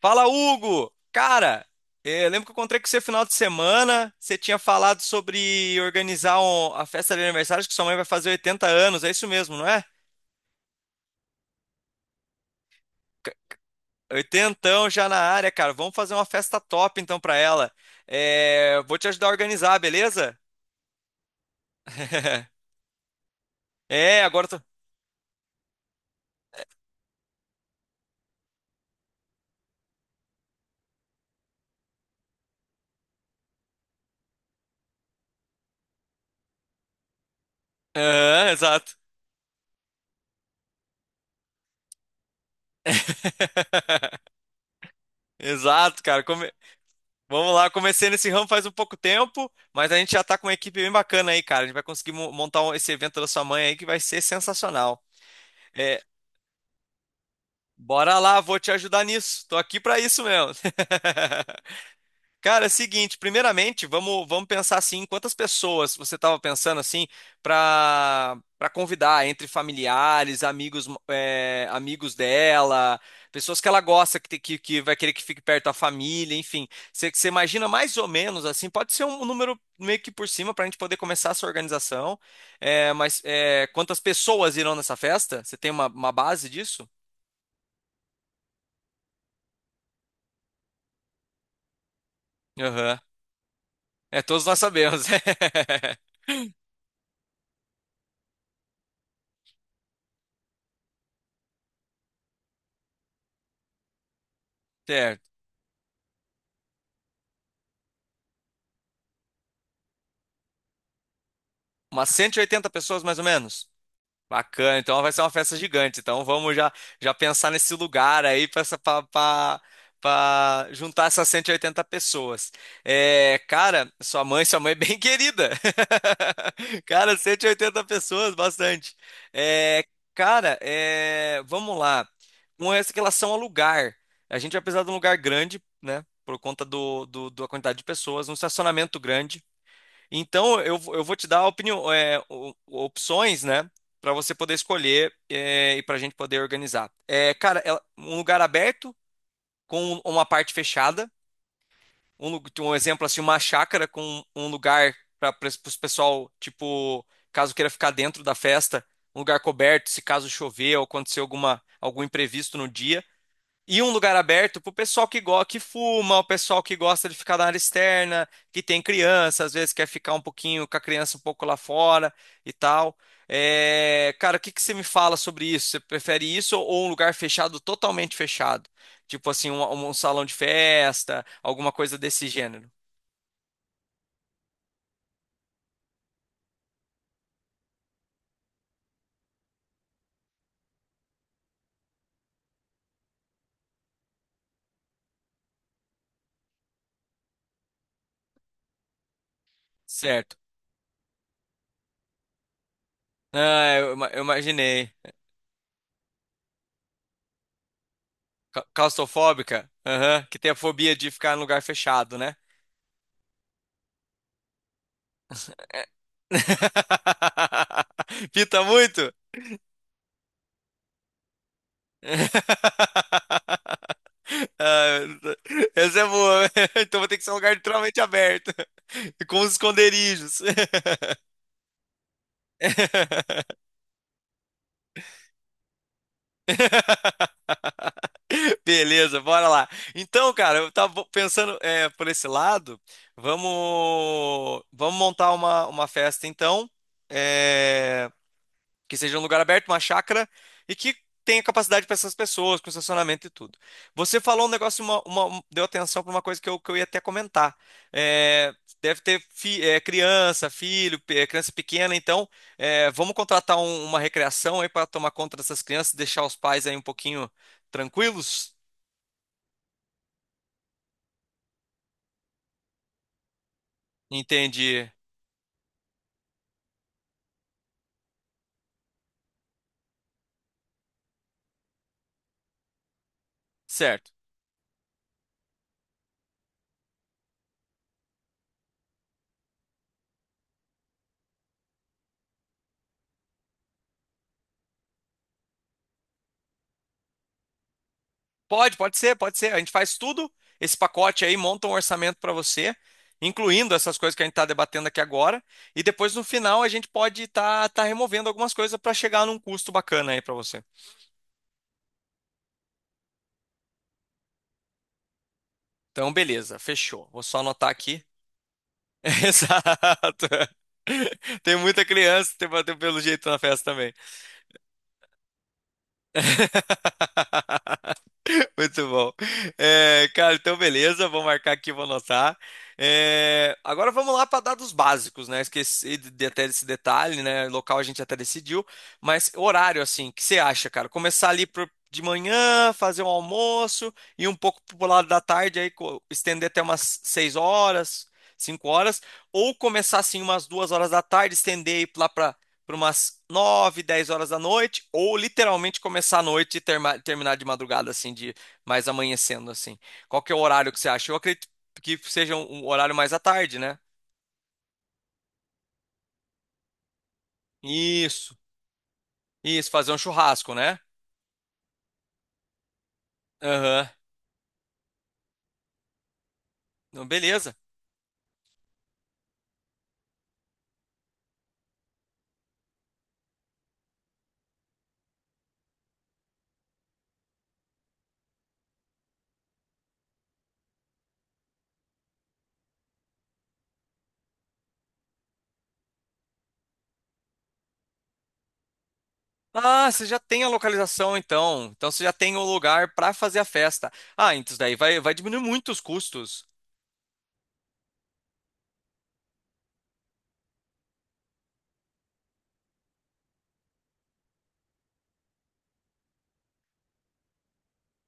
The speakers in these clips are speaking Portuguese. Fala, Hugo! Cara, eu lembro que eu encontrei com você final de semana. Você tinha falado sobre organizar a festa de aniversário, acho que sua mãe vai fazer 80 anos, é isso mesmo, não é? Ca- Oitentão já na área, cara. Vamos fazer uma festa top então pra ela. Vou te ajudar a organizar, beleza? É, agora eu tô. Aham, exato. Exato, cara. Vamos lá, eu comecei nesse ramo faz um pouco tempo, mas a gente já tá com uma equipe bem bacana aí, cara. A gente vai conseguir montar esse evento da sua mãe aí que vai ser sensacional. É, bora lá, vou te ajudar nisso. Tô aqui pra isso mesmo. Cara, é o seguinte, primeiramente, vamos pensar assim, quantas pessoas você estava pensando assim para convidar entre familiares, amigos é, amigos dela, pessoas que ela gosta, que vai querer que fique perto da família, enfim. Você imagina mais ou menos assim, pode ser um número meio que por cima para a gente poder começar essa organização, quantas pessoas irão nessa festa? Você tem uma base disso? Aham. É, todos nós sabemos. Certo. Umas 180 pessoas mais ou menos. Bacana, então vai ser uma festa gigante. Então já pensar nesse lugar aí para juntar essas 180 pessoas. É, cara, sua mãe é bem querida. Cara, 180 pessoas, bastante. É, cara, é, vamos lá. Com essa relação ao lugar, a gente vai precisar de um lugar grande, né? Por conta da quantidade de pessoas, um estacionamento grande. Então, eu vou te dar opinião, é, opções, né? Para você poder escolher é, e para a gente poder organizar. É, cara, um lugar aberto com uma parte fechada. Um exemplo assim, uma chácara com um lugar para os pessoal, tipo, caso queira ficar dentro da festa, um lugar coberto, se caso chover ou acontecer algum imprevisto no dia. E um lugar aberto pro pessoal que fuma, o pessoal que gosta de ficar na área externa, que tem criança, às vezes quer ficar um pouquinho com a criança um pouco lá fora e tal. É, cara, o que que você me fala sobre isso? Você prefere isso ou um lugar fechado, totalmente fechado? Tipo assim, um salão de festa, alguma coisa desse gênero. Certo. Eu imaginei. Claustrofóbica? Aham, que tem a fobia de ficar em lugar fechado, né? Pita muito? Ah, essa é boa. Então vai ter que ser um lugar literalmente aberto, com os esconderijos. Beleza, bora lá. Então, cara, eu tava pensando é, por esse lado. Vamos montar uma festa, então. É, que seja um lugar aberto, uma chácara e que tenha capacidade para essas pessoas, com estacionamento e tudo. Você falou um negócio, deu atenção para uma coisa que que eu ia até comentar. É, deve ter criança pequena, então é, vamos contratar uma recreação aí para tomar conta dessas crianças, deixar os pais aí um pouquinho tranquilos? Entendi. Certo. Pode ser. A gente faz tudo esse pacote aí, monta um orçamento para você, incluindo essas coisas que a gente está debatendo aqui agora. E depois no final a gente pode estar removendo algumas coisas para chegar num custo bacana aí para você. Então, beleza, fechou. Vou só anotar aqui. Exato. Tem muita criança, tem pelo jeito na festa também. Muito bom. É, cara, então beleza, vou marcar aqui, vou anotar. É, agora vamos lá para dados básicos, né? Esqueci de até desse detalhe, né? Local a gente até decidiu, mas horário, assim, o que você acha, cara? Começar ali de manhã, fazer um almoço e um pouco pro lado da tarde, estender até umas 6 horas, 5 horas, ou começar assim umas 2 horas da tarde, estender aí lá para umas 9 10 horas da noite, ou literalmente começar à noite e terminar de madrugada, assim, de mais amanhecendo assim. Qual que é o horário que você acha? Eu acredito que seja um horário mais à tarde, né? Isso, isso, fazer um churrasco, né? Aham, não, beleza. Ah, você já tem a localização então. Então você já tem o lugar para fazer a festa. Ah, então isso daí vai diminuir muito os custos,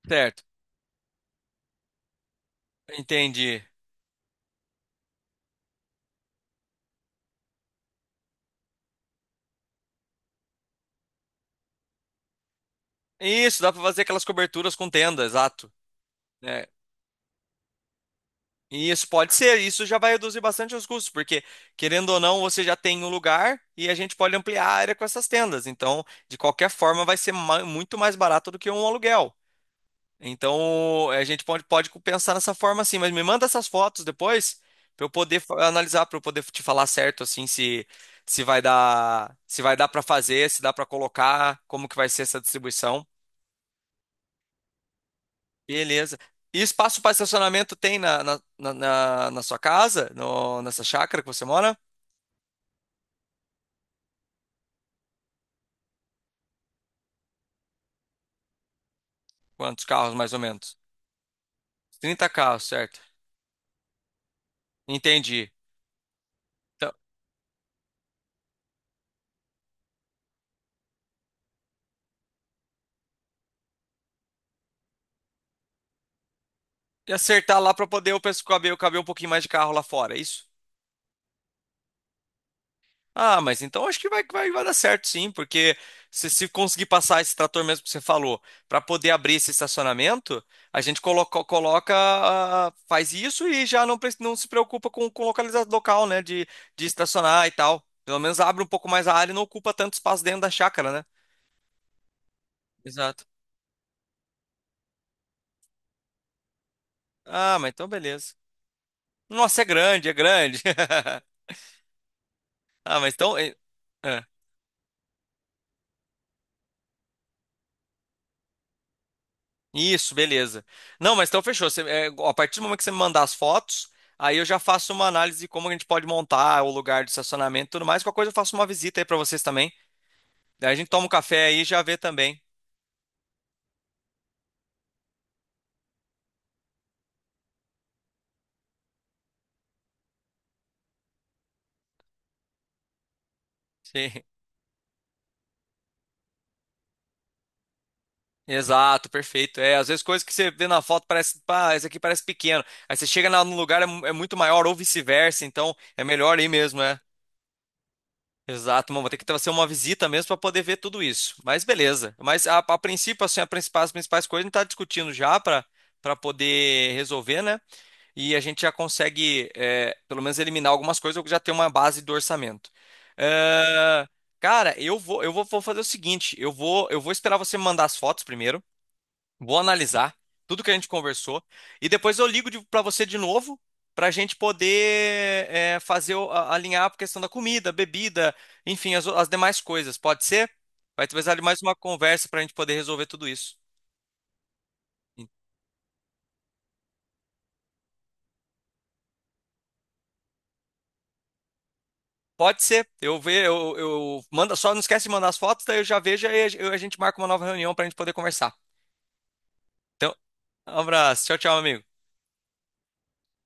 certo? Entendi. Isso, dá para fazer aquelas coberturas com tenda, exato. É, e isso pode ser, isso já vai reduzir bastante os custos, porque querendo ou não, você já tem um lugar e a gente pode ampliar a área com essas tendas. Então, de qualquer forma, vai ser muito mais barato do que um aluguel. Então, pode pensar nessa forma assim, mas me manda essas fotos depois para eu poder analisar, para eu poder te falar certo assim se se vai dar para fazer, se dá para colocar, como que vai ser essa distribuição. Beleza. E espaço para estacionamento tem na sua casa? No, nessa chácara que você mora? Quantos carros, mais ou menos? 30 carros, certo? Entendi. Então, e acertar lá para poder o pessoal caber um pouquinho mais de carro lá fora, é isso? Ah, mas então acho que vai dar certo sim, porque se conseguir passar esse trator mesmo que você falou, para poder abrir esse estacionamento, a gente ah, faz isso e já não se preocupa com localizar local, né, de estacionar e tal. Pelo menos abre um pouco mais a área e não ocupa tanto espaço dentro da chácara, né? Exato. Ah, mas então beleza. Nossa, é grande. Ah, mas então. É. Isso, beleza. Não, mas então fechou. Você, é, a partir do momento que você me mandar as fotos, aí eu já faço uma análise de como a gente pode montar o lugar de estacionamento e tudo mais. Qualquer coisa eu faço uma visita aí pra vocês também. Daí a gente toma um café aí e já vê também. Sim. Exato, perfeito. É, às vezes coisas que você vê na foto parece, pá, esse aqui parece pequeno. Aí você chega no lugar é, é muito maior ou vice-versa, então é melhor aí mesmo, é. Exato, mano, vou ter que fazer uma visita mesmo para poder ver tudo isso. Mas beleza. Mas a princípio, assim, as principais coisas a gente está discutindo já para poder resolver, né? E a gente já consegue, é, pelo menos, eliminar algumas coisas, ou já tem uma base do orçamento. Eh, cara, vou fazer o seguinte, eu vou esperar você me mandar as fotos primeiro. Vou analisar tudo que a gente conversou e depois eu ligo para você de novo para a gente poder é, fazer alinhar a questão da comida, bebida, enfim, as demais coisas. Pode ser? Vai precisar de mais uma conversa para a gente poder resolver tudo isso. Pode ser. Eu manda, só não esquece de mandar as fotos, daí eu já vejo e a gente marca uma nova reunião para a gente poder conversar. Então, um abraço. Tchau, tchau, amigo.